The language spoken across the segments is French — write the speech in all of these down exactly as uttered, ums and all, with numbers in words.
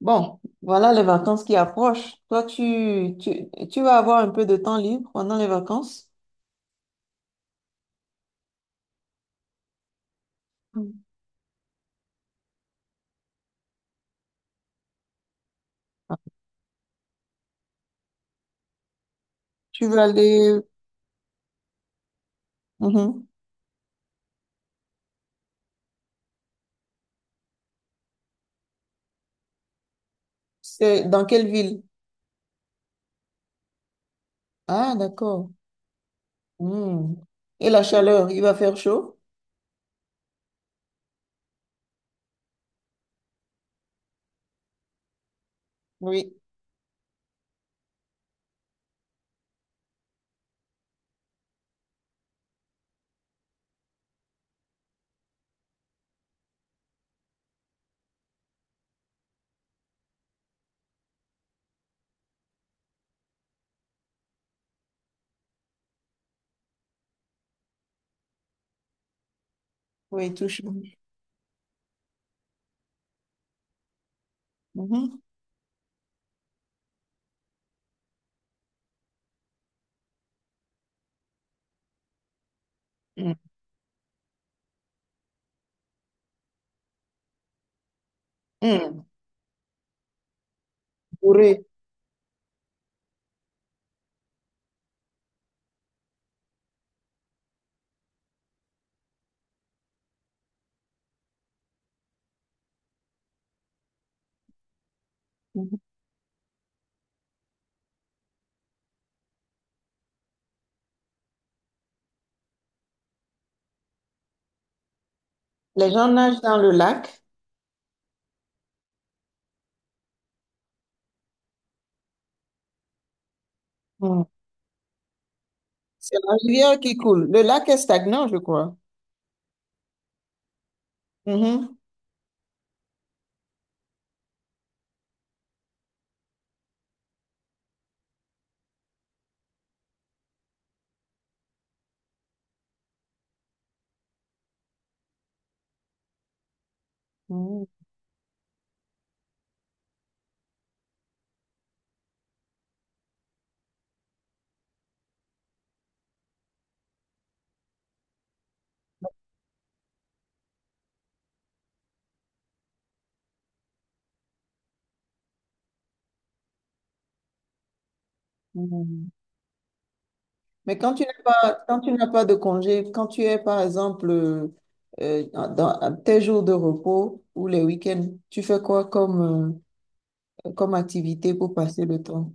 Bon, voilà les vacances qui approchent. Toi, tu, tu, tu vas avoir un peu de temps libre pendant les vacances. Mm. Tu vas aller... Mhm. C'est dans quelle ville? Ah, d'accord. Hmm. Et la chaleur, il va faire chaud? Oui, oui, tout chaud. Mhm. Mm. Mm. Bourré. Mhm. Les gens nagent dans le lac. Mm. C'est la rivière qui coule. Le lac est stagnant, je crois. Mhm. Mm. Mais quand tu n'as pas, quand tu n'as pas de congé, quand tu es, par exemple, euh, euh, dans tes jours de repos ou les week-ends, tu fais quoi comme, euh, comme activité pour passer le temps?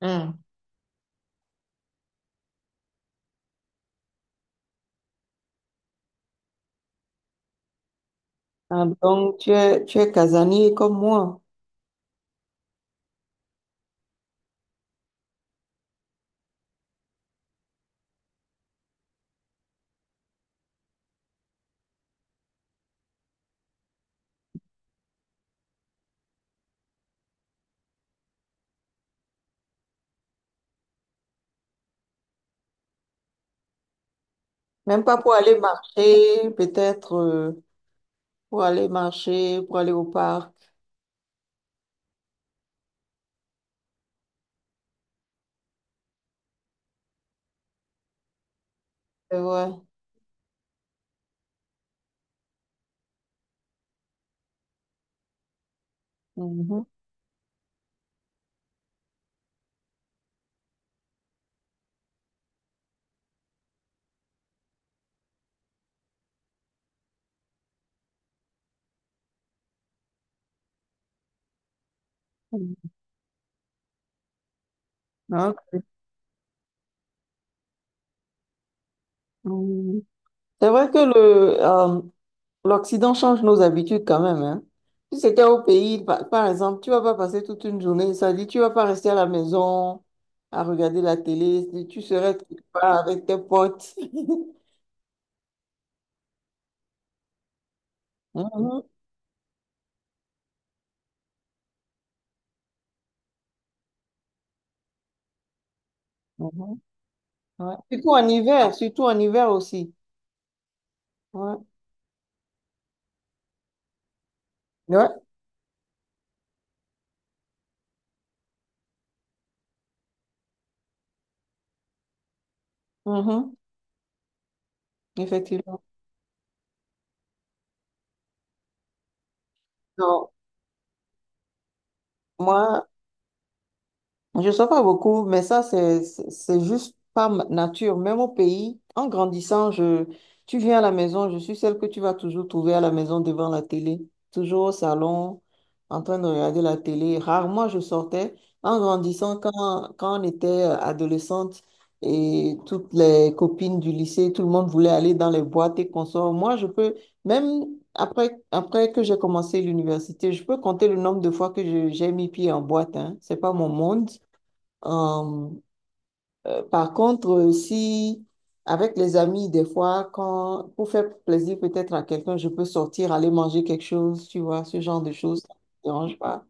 Hmm. Ah, donc, tu es, tu es casanier comme moi. Même pas pour aller marcher, peut-être euh, pour aller marcher, pour aller au parc. C'est vrai. Mhm. Donc, mm, c'est vrai que le, euh, L'Occident change nos habitudes quand même, hein. Si c'était au pays, par, par exemple, tu vas pas passer toute une journée, ça dit, tu vas pas rester à la maison à regarder la télé, si tu serais quelque part avec tes potes. Mhm, mhm, ouais. Surtout en hiver, surtout en hiver aussi. Ouais, ouais. Mhm, effectivement. Non, moi, je sais pas beaucoup, mais ça, c'est, c'est c'est juste pas ma nature. Même au pays, en grandissant, je, tu viens à la maison, je suis celle que tu vas toujours trouver à la maison devant la télé, toujours au salon, en train de regarder la télé. Rarement je sortais. En grandissant, quand, quand on était euh, adolescente et toutes les copines du lycée, tout le monde voulait aller dans les boîtes et consorts. Moi, je peux, même après, après que j'ai commencé l'université, je peux compter le nombre de fois que je- j'ai mis pied en boîte, hein. C'est pas mon monde. Euh, euh, par contre, euh, si avec les amis, des fois, quand, pour faire plaisir peut-être à quelqu'un, je peux sortir, aller manger quelque chose, tu vois, ce genre de choses, ça ne me dérange pas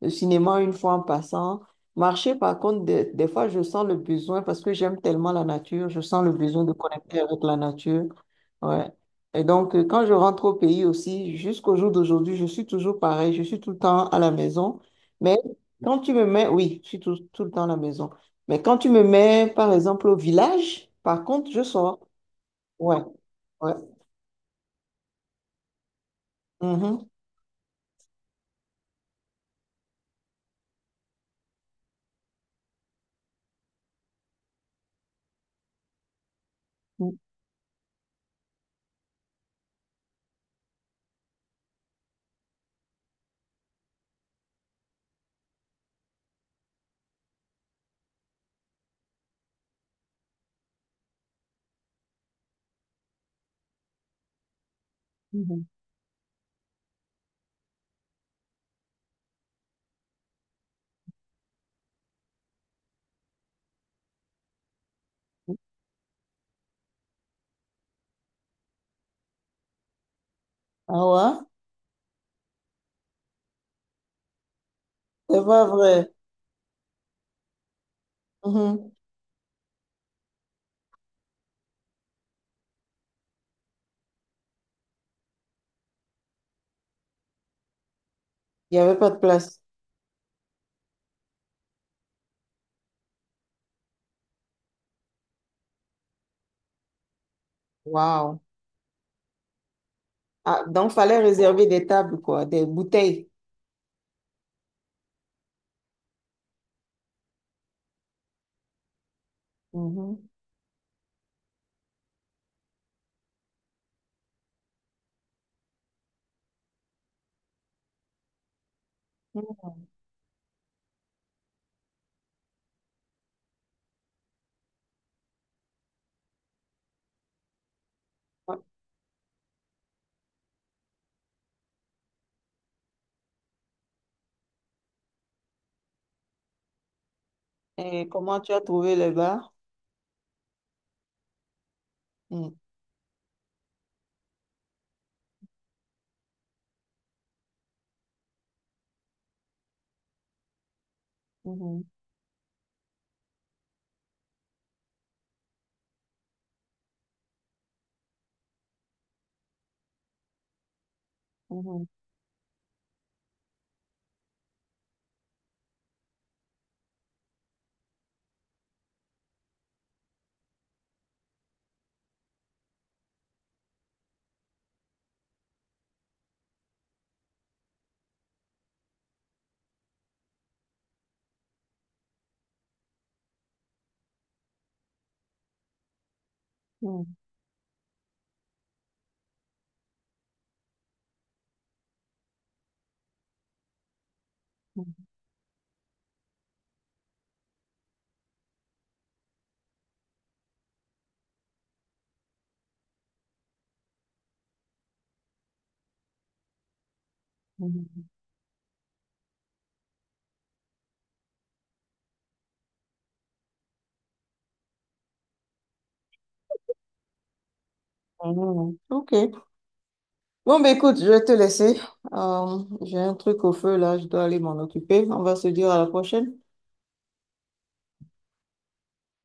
le cinéma une fois en passant. Marcher, par contre, des, des fois, je sens le besoin parce que j'aime tellement la nature, je sens le besoin de connecter avec la nature. Ouais. Et donc, euh, quand je rentre au pays aussi, jusqu'au jour d'aujourd'hui, je suis toujours pareil, je suis tout le temps à la maison. Mais quand tu me mets, oui, je suis tout, tout le temps à la maison. Mais quand tu me mets, par exemple, au village, par contre, je sors. Ouais, ouais. Mhm. Mhm. Ah ouais? C'est pas vrai. Mhm. Il n'y avait pas de place. Waouh. Ah, donc, fallait réserver des tables, quoi, des bouteilles. Mhm. Mhm. Et comment tu as trouvé le bar? Mhm. Mhm. Mhm. Mhm. Mhm. Mhm. Ok. Bon, bah, écoute, je vais te laisser. Euh, j'ai un truc au feu là, je dois aller m'en occuper. On va se dire à la prochaine.